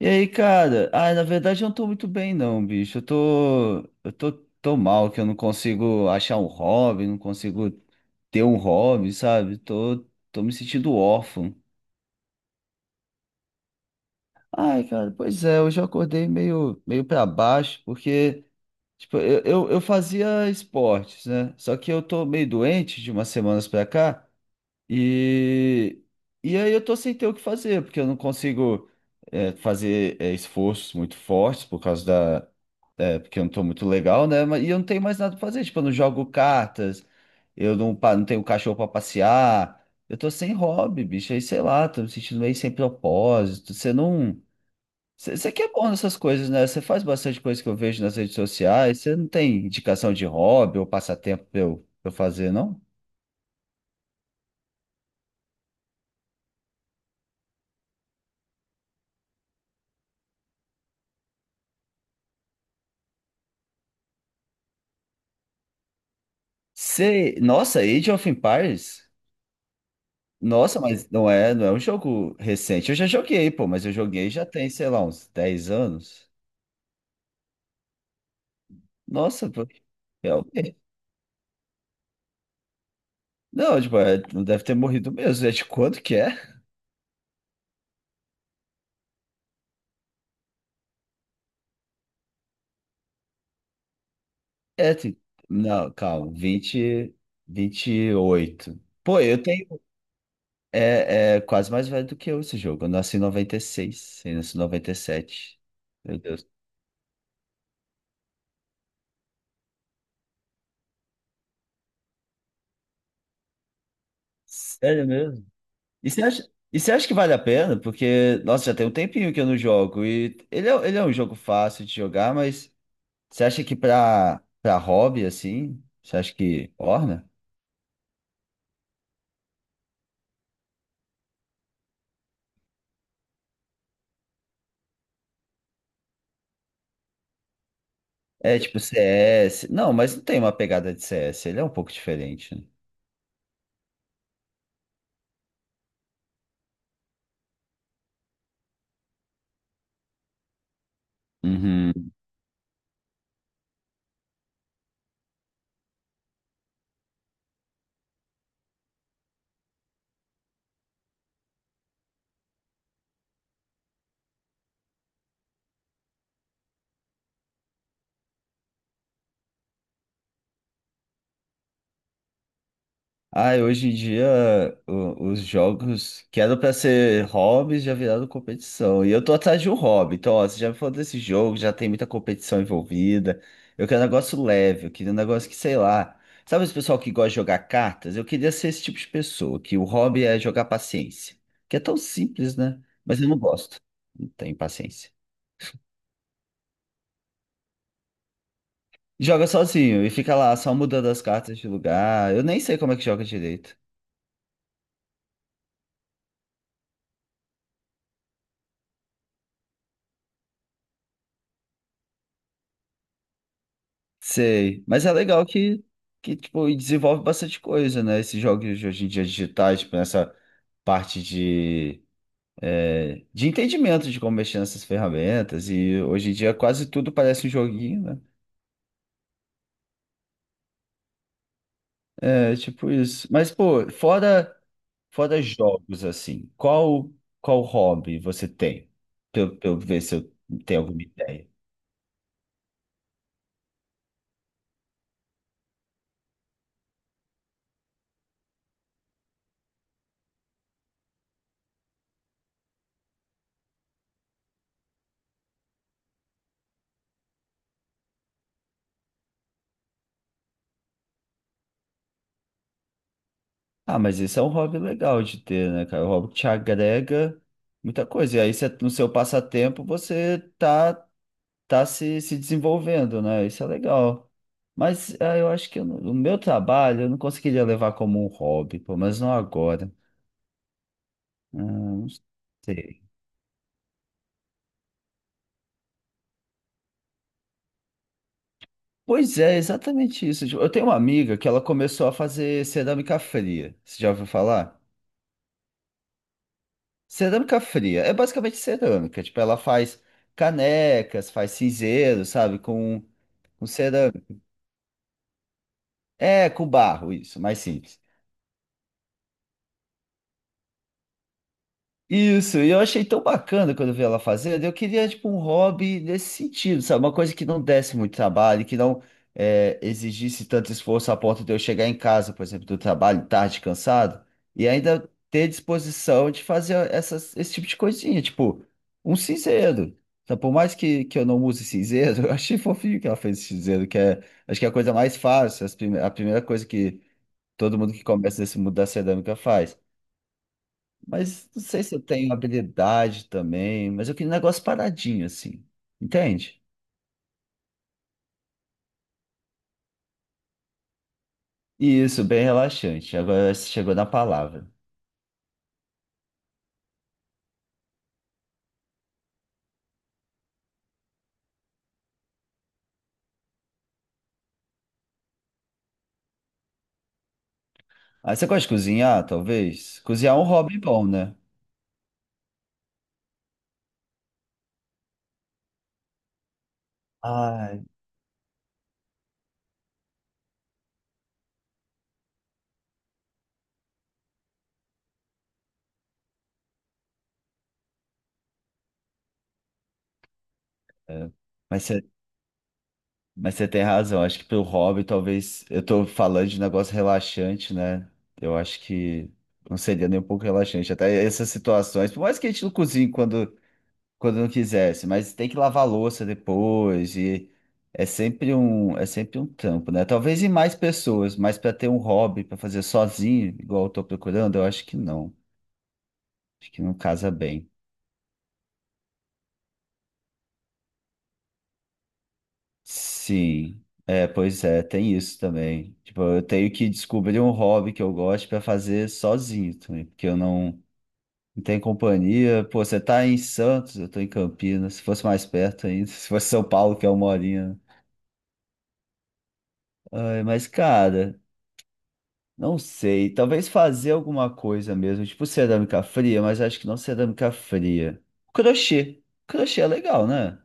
E aí, cara? Ah, na verdade eu não tô muito bem, não, bicho. Eu tô, tô mal, que eu não consigo achar um hobby, não consigo ter um hobby, sabe? Tô me sentindo órfão. Ai, cara, pois é, hoje eu acordei meio para baixo, porque, tipo, eu fazia esportes, né? Só que eu tô meio doente de umas semanas pra cá, e, e aí eu tô sem ter o que fazer, porque eu não consigo, fazer, esforços muito fortes por causa. É, porque eu não tô muito legal, né? E eu não tenho mais nada pra fazer. Tipo, eu não jogo cartas, eu não, pa- não tenho cachorro pra passear. Eu tô sem hobby, bicho. Aí, sei lá, tô me sentindo meio sem propósito. Você não. Você que é bom nessas coisas, né? Você faz bastante coisa que eu vejo nas redes sociais. Você não tem indicação de hobby ou passatempo pra eu fazer, não? Você. Nossa, Age of Empires? Nossa, mas não é um jogo recente. Eu já joguei, pô, mas eu joguei já tem, sei lá, uns 10 anos. Nossa, pô. Não, tipo, é, não deve ter morrido mesmo. É de quanto que é? É, não, calma, 28. Pô, eu tenho. É, é quase mais velho do que eu esse jogo. Eu nasci em 96, eu nasci em 97. Meu Deus. Sério mesmo? E você acha que vale a pena? Porque, nossa, já tem um tempinho que eu não jogo. E ele é um jogo fácil de jogar, mas você acha que pra hobby, assim, você acha que orna? É tipo CS. Não, mas não tem uma pegada de CS, ele é um pouco diferente, né? Uhum. Ah, hoje em dia os jogos que eram pra ser hobbies já viraram competição. E eu tô atrás de um hobby. Então, ó, você já me falou desse jogo, já tem muita competição envolvida. Eu quero um negócio leve, eu queria um negócio que, sei lá. Sabe esse pessoal que gosta de jogar cartas? Eu queria ser esse tipo de pessoa, que o hobby é jogar paciência. Que é tão simples, né? Mas eu não gosto. Não tenho paciência. Joga sozinho e fica lá só mudando as cartas de lugar. Eu nem sei como é que joga direito. Sei, mas é legal que tipo, desenvolve bastante coisa, né? Esses jogos de hoje em dia digitais, tipo, nessa parte de entendimento de como mexer nessas ferramentas. E hoje em dia quase tudo parece um joguinho, né? É tipo isso. Mas, pô, fora, fora jogos, assim, qual, qual hobby você tem? Pra eu ver se eu tenho alguma ideia. Ah, mas esse é um hobby legal de ter, né, cara? O hobby que te agrega muita coisa. E aí, você- no seu passatempo, você tá se desenvolvendo, né? Isso é legal. Mas ah, eu acho que eu não- o meu trabalho eu não conseguiria levar como um hobby, pelo menos não agora. Ah, não sei. Pois é, exatamente isso. Tipo, eu tenho uma amiga que ela começou a fazer cerâmica fria. Você já ouviu falar? Cerâmica fria é basicamente cerâmica. Tipo, ela faz canecas, faz cinzeiro, sabe? Com cerâmica. É, com barro, isso, mais simples. Isso, e eu achei tão bacana quando eu vi ela fazendo. Eu queria, tipo, um hobby nesse sentido, sabe? Uma coisa que não desse muito trabalho, que não é, exigisse tanto esforço a ponto de eu chegar em casa, por exemplo, do trabalho tarde, cansado, e ainda ter disposição de fazer esse tipo de coisinha, tipo, um cinzeiro. Então, por mais que eu não use cinzeiro, eu achei fofinho que ela fez esse cinzeiro, que é, acho que é a coisa mais fácil, a primeira coisa que todo mundo que começa nesse mundo da cerâmica faz. Mas não sei se eu tenho habilidade também, mas eu queria um negócio paradinho, assim. Entende? E isso, bem relaxante. Agora você chegou na palavra. Ah, você gosta de cozinhar, talvez? Cozinhar é um hobby bom, né? Ai, é. Mas você, mas você tem razão. Acho que pro hobby, talvez. Eu tô falando de negócio relaxante, né? Eu acho que não seria nem um pouco relaxante. Até essas situações. Por mais que a gente não cozinhe quando não quisesse, mas tem que lavar a louça depois e é sempre um trampo, né? Talvez em mais pessoas, mas para ter um hobby para fazer sozinho, igual eu tô procurando, eu acho que não. Acho que não casa bem. Sim. É, pois é, tem isso também. Tipo, eu tenho que descobrir um hobby que eu gosto para fazer sozinho também, porque eu não. Não tenho companhia. Pô, você tá em Santos, eu tô em Campinas. Se fosse mais perto ainda, se fosse São Paulo, que é uma horinha. Ai, mas, cara, não sei, talvez fazer alguma coisa mesmo, tipo cerâmica fria, mas acho que não cerâmica fria. Crochê. Crochê é legal, né?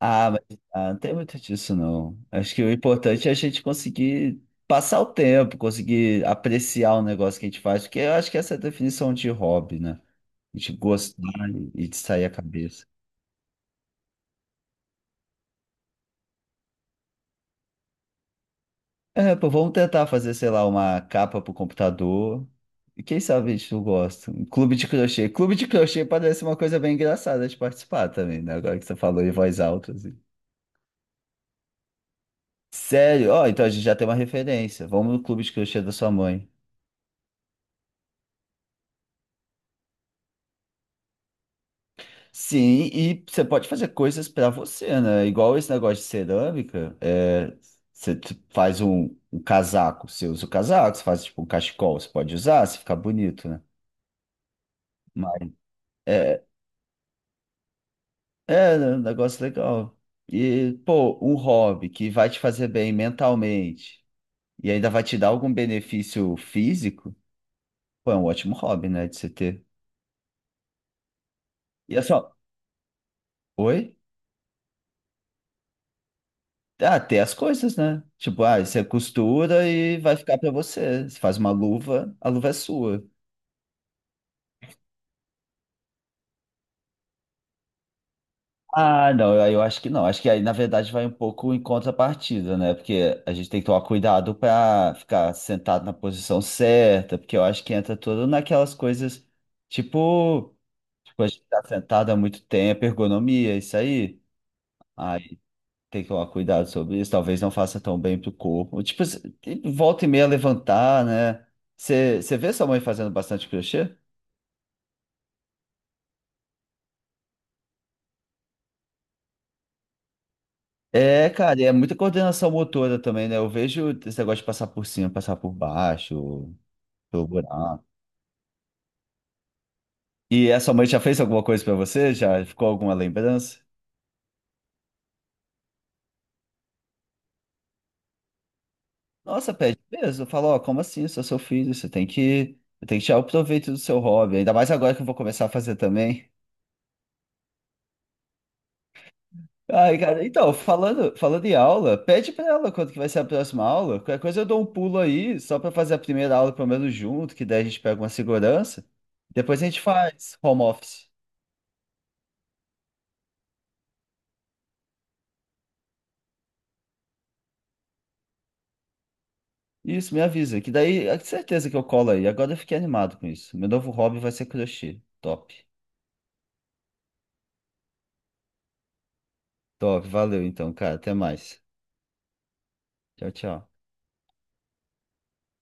Ah, mas não tem muito disso, não. Acho que o importante é a gente conseguir passar o tempo, conseguir apreciar o negócio que a gente faz, porque eu acho que essa é a definição de hobby, né? A gente gostar e de sair a cabeça. É, pô, vamos tentar fazer, sei lá, uma capa pro computador. E quem sabe a gente não gosta. Um clube de crochê. Clube de crochê parece uma coisa bem engraçada de participar também, né? Agora que você falou em voz alta, assim. Sério? Ó, então a gente já tem uma referência. Vamos no clube de crochê da sua mãe. Sim, e você pode fazer coisas pra você, né? Igual esse negócio de cerâmica, é, você t- faz um, casaco, você usa o casaco, você faz tipo um cachecol, você pode usar se ficar bonito, né? Mas é, é, né, um negócio legal. E, pô, um hobby que vai te fazer bem mentalmente e ainda vai te dar algum benefício físico, pô, é um ótimo hobby, né, de se ter. E é só, oi? Ah, ter as coisas, né? Tipo, ah, você costura e vai ficar pra você. Você faz uma luva, a luva é sua. Ah, não, eu acho que não. Acho que aí, na verdade, vai um pouco em contrapartida, né? Porque a gente tem que tomar cuidado para ficar sentado na posição certa, porque eu acho que entra tudo naquelas coisas tipo, tipo, a gente tá sentado há muito tempo, ergonomia, isso aí. Aí tem que tomar cuidado sobre isso, talvez não faça tão bem pro corpo. Tipo, se- volta e meia levantar, né? Você vê sua mãe fazendo bastante crochê? É, cara, e é muita coordenação motora também, né? Eu vejo esse negócio de passar por cima, passar por baixo, pelo buraco. E a sua mãe já fez alguma coisa pra você? Já ficou alguma lembrança? Nossa, pede peso. Eu falo, ó, como assim? Eu sou seu filho, você tem tem que tirar o proveito do seu hobby. Ainda mais agora que eu vou começar a fazer também. Ai, cara, então, falando em aula, pede pra ela quando que vai ser a próxima aula. Qualquer coisa eu dou um pulo aí, só pra fazer a primeira aula pelo menos junto, que daí a gente pega uma segurança. Depois a gente faz home office. Isso, me avisa, que daí é certeza que eu colo aí. Agora eu fiquei animado com isso. Meu novo hobby vai ser crochê. Top. Top, valeu então, cara. Até mais. Tchau, tchau.